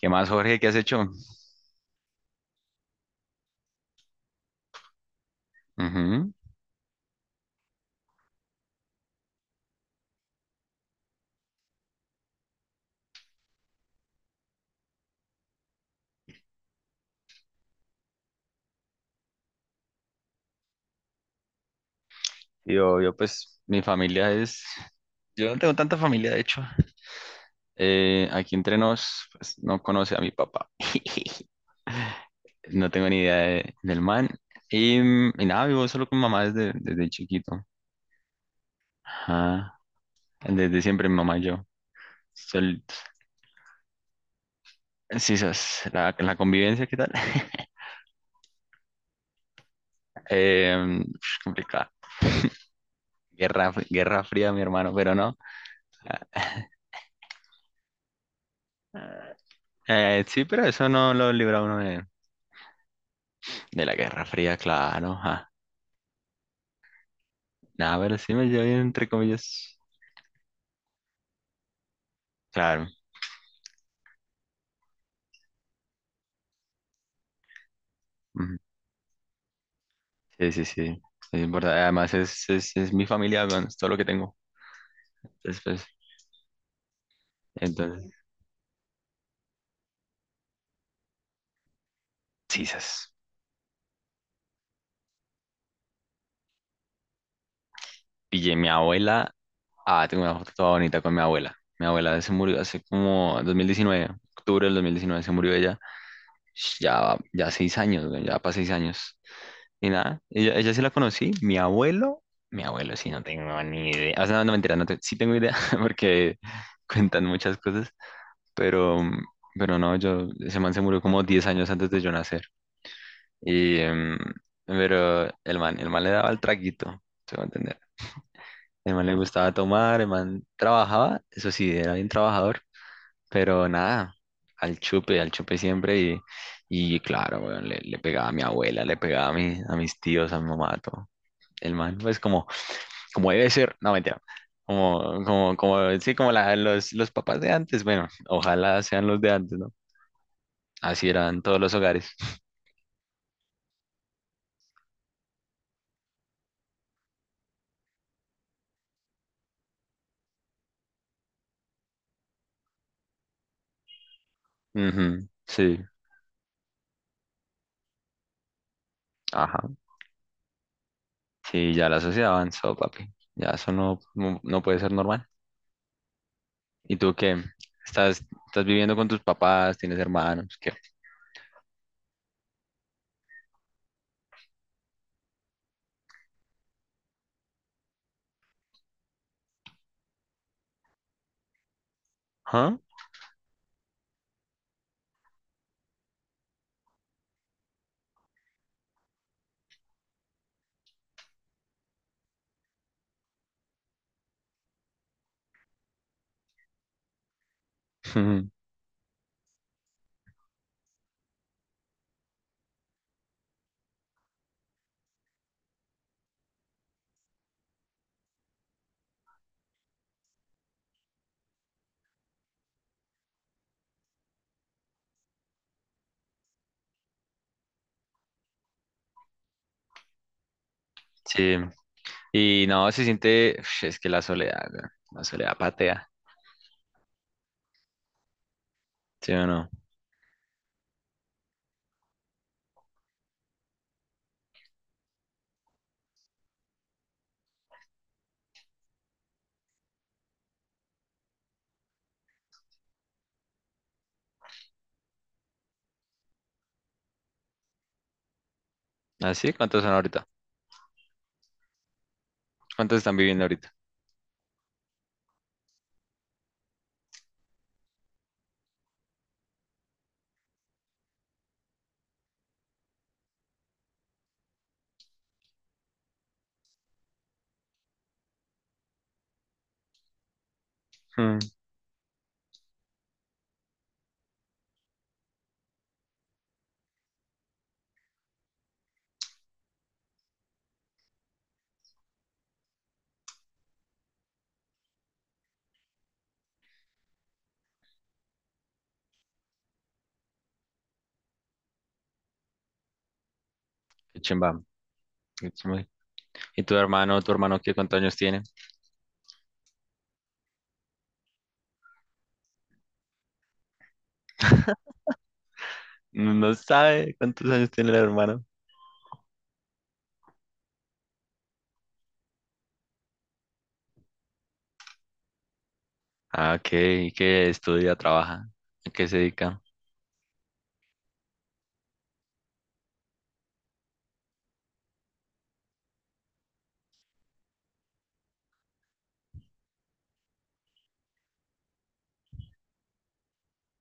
¿Qué más, Jorge? ¿Qué has hecho? Ujú. Yo, pues, mi familia es... Yo no tengo tanta familia, de hecho. Aquí entre nos, pues, no conoce a mi papá. No tengo ni idea del man. Y nada, vivo solo con mamá desde chiquito. Ajá. Desde siempre mi mamá y yo. Solitos. Sí, sas, la convivencia, ¿qué tal? Eh, Complicada. Guerra fría, mi hermano, pero no. Ah, ah. Sí, pero eso no lo libra uno de la Guerra Fría, claro. Ajá. Nah, pero sí me llevo bien, entre comillas. Claro. Ujú. Sí, sí, sí. Es importante. Además, es mi familia, weón, es todo lo que tengo. Después, entonces, sí, sas. Pillé mi abuela. Ah, tengo una foto toda bonita con mi abuela. Mi abuela se murió hace como 2019, octubre del 2019 se murió ella. Ya, ya 6 años, weón, ya para 6 años. Y nada, ella sí la conocí, mi abuelo sí no tengo ni idea, o sea, no, no, mentira, no te- sí tengo idea porque cuentan muchas cosas, pero, pero no, yo, ese man se murió como 10 años antes de yo nacer, y, pero el man le daba el traguito, se va a entender, el man le gustaba tomar, el man trabajaba, eso sí, era bien trabajador, pero nada, al chupe siempre, y claro, weón, le pegaba a mi abuela, le pegaba a, mi- a mis tíos, a mi mamá, a todo el man, pues como, como debe ser, no mentira, como, sí, los papás de antes, bueno, ojalá sean los de antes, ¿no? Así eran todos los hogares. Ujú, sí, ajá, sí, ya la sociedad avanzó, papi, ya eso no, no, no puede ser normal. ¿Y tú qué? ¿Estás viviendo con tus papás? ¿Tienes hermanos? ¿Qué? ¿Ah? Ujú. Sí, y no, se siente, uf, es que la soledad, weón, la soledad patea, ¿sí o no? ¿Así? ¿Cuántos son ahorita? ¿Cuántos están viviendo ahorita? Qué chimba. Qué chimba. ¿Y tu hermano qué cuántos años tiene? No, no sabe cuántos años tiene el hermano. Ah, ok. ¿Y qué estudia, trabaja? ¿A qué se dedica?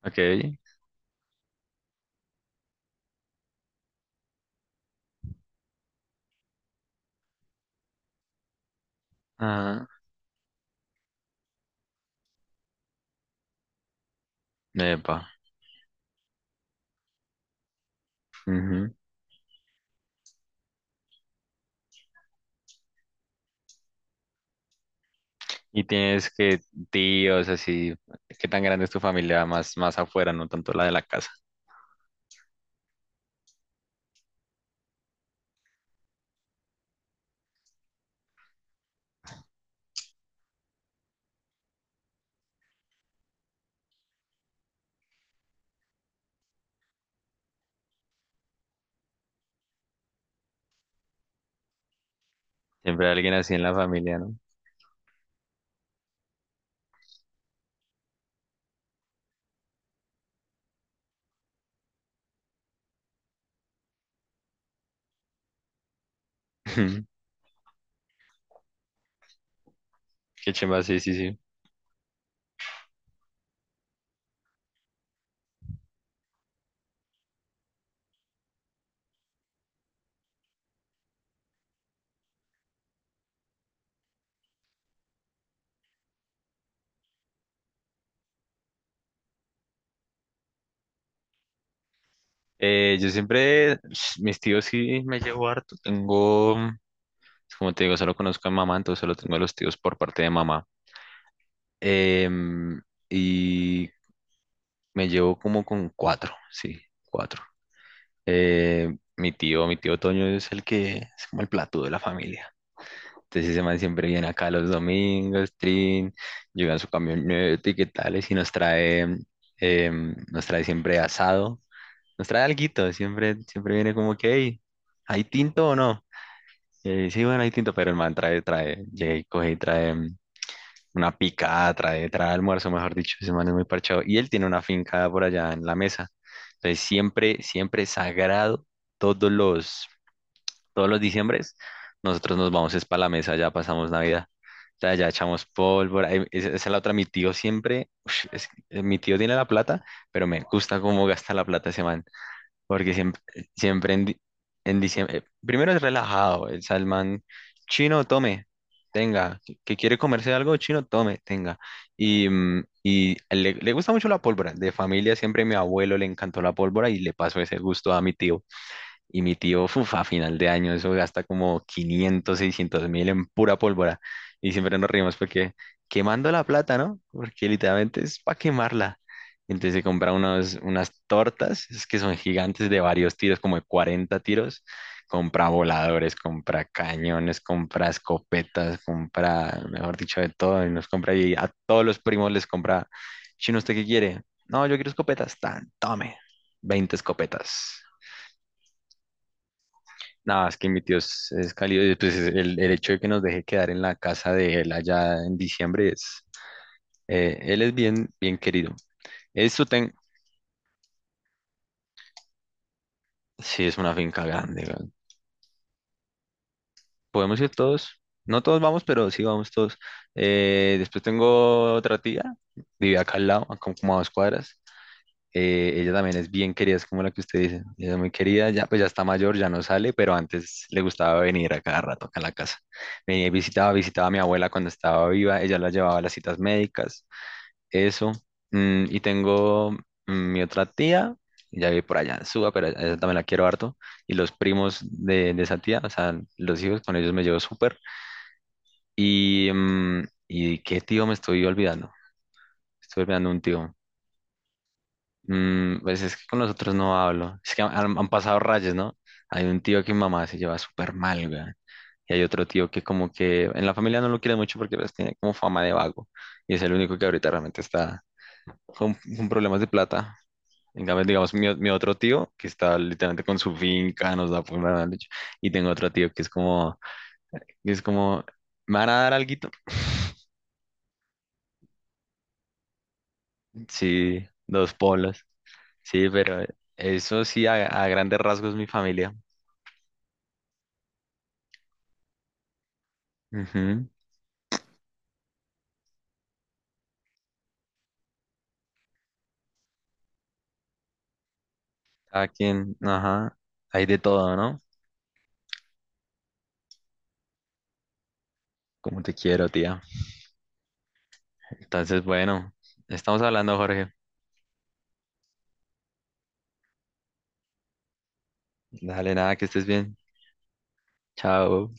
Ok. Ah, epa. Ujú. ¿Y tienes que tíos así? ¿Qué tan grande es tu familia? Más, más afuera, no tanto la de la casa. Siempre hay alguien así en la familia, ¿no? Qué chimba, sí, sí, sí. Yo siempre, mis tíos sí me llevo harto. Tengo. Como te digo, solo conozco a mi mamá, entonces solo tengo a los tíos por parte de mamá. Em, y me llevo como con cuatro, sí, cuatro. Mi tío Toño es el que es como el plato de la familia. Entonces ese man siempre viene acá los domingos, trin, llega en su camioneta y qué tales, y si nos trae, nos trae siempre asado, nos trae alguito, siempre, siempre viene como que, "Hey, ¿hay tinto o no? Sí, bueno, hay tinto, pero el man llega y coge y trae. Una picada, trae almuerzo, mejor dicho, ese man es muy parchado. Y él tiene una finca por allá en la mesa. Entonces, siempre sagrado, todos los, todos los diciembres, nosotros nos vamos es para la mesa, ya pasamos Navidad. Ya echamos pólvora. Esa es la otra, mi tío siempre, ush, es que, mi tío tiene la plata, pero me gusta cómo gasta la plata ese man. Porque siempre en, en diciembre, primero es relajado, el salmán chino, tome, tenga, que quiere comerse algo chino, tome, tenga. Y le gusta mucho la pólvora, de familia siempre mi abuelo le encantó la pólvora y le pasó ese gusto a mi tío. Y mi tío, uf, a final de año, eso gasta como 500 600 mil en pura pólvora. Y siempre nos reímos porque quemando la plata, ¿no? Porque literalmente es para quemarla. Entonces se compra unos, unas tortas, es que son gigantes de varios tiros, como de 40 tiros. Compra voladores, compra cañones, compra escopetas, compra, mejor dicho, de todo. Y nos compra y a todos los primos les compra, chino, ¿usted qué quiere? No, yo quiero escopetas. Tan, tome, 20 escopetas. Nada, es que mi tío es cálido. Y, pues, es el hecho de que nos deje quedar en la casa de él allá en diciembre es. Él es bien, bien querido. Esto ten. Sí, es una finca grande, weón. Podemos ir todos. No todos vamos, pero sí vamos todos. Después tengo otra tía, vive acá al lado, a como a 2 cuadras. Ella también es bien querida, es como la que usted dice. Ella es muy querida, ya pues ya está mayor, ya no sale, pero antes le gustaba venir a cada rato acá a la casa. Venía y visitaba, visitaba a mi abuela cuando estaba viva, ella la llevaba a las citas médicas, eso. Y tengo mi otra tía, ya vive por allá en Suba, pero a ella también la quiero harto. Y los primos de esa tía, o sea, los hijos, con ellos me llevo súper. Y, mm, ¿Y qué tío me estoy olvidando? Estoy olvidando un tío. Pues es que con nosotros no hablo. Es que han pasado rayas, ¿no? Hay un tío que mi mamá se lleva súper mal, güey. Y hay otro tío que como que en la familia no lo quiere mucho porque pues, tiene como fama de vago. Y es el único que ahorita realmente está con problemas de plata. En cambio, digamos, mi otro tío que está literalmente con su finca, nos da por la leche. Y tengo otro tío que es como, que es como, ¿me van a dar alguito? Sí, dos polos. Sí, pero eso sí, a grandes rasgos mi familia. Ujú. Cada quien, ajá, hay de todo, ¿no? Como te quiero, tía. Entonces, bueno, estamos hablando, Jorge. Dale, nada, que estés bien. Chao.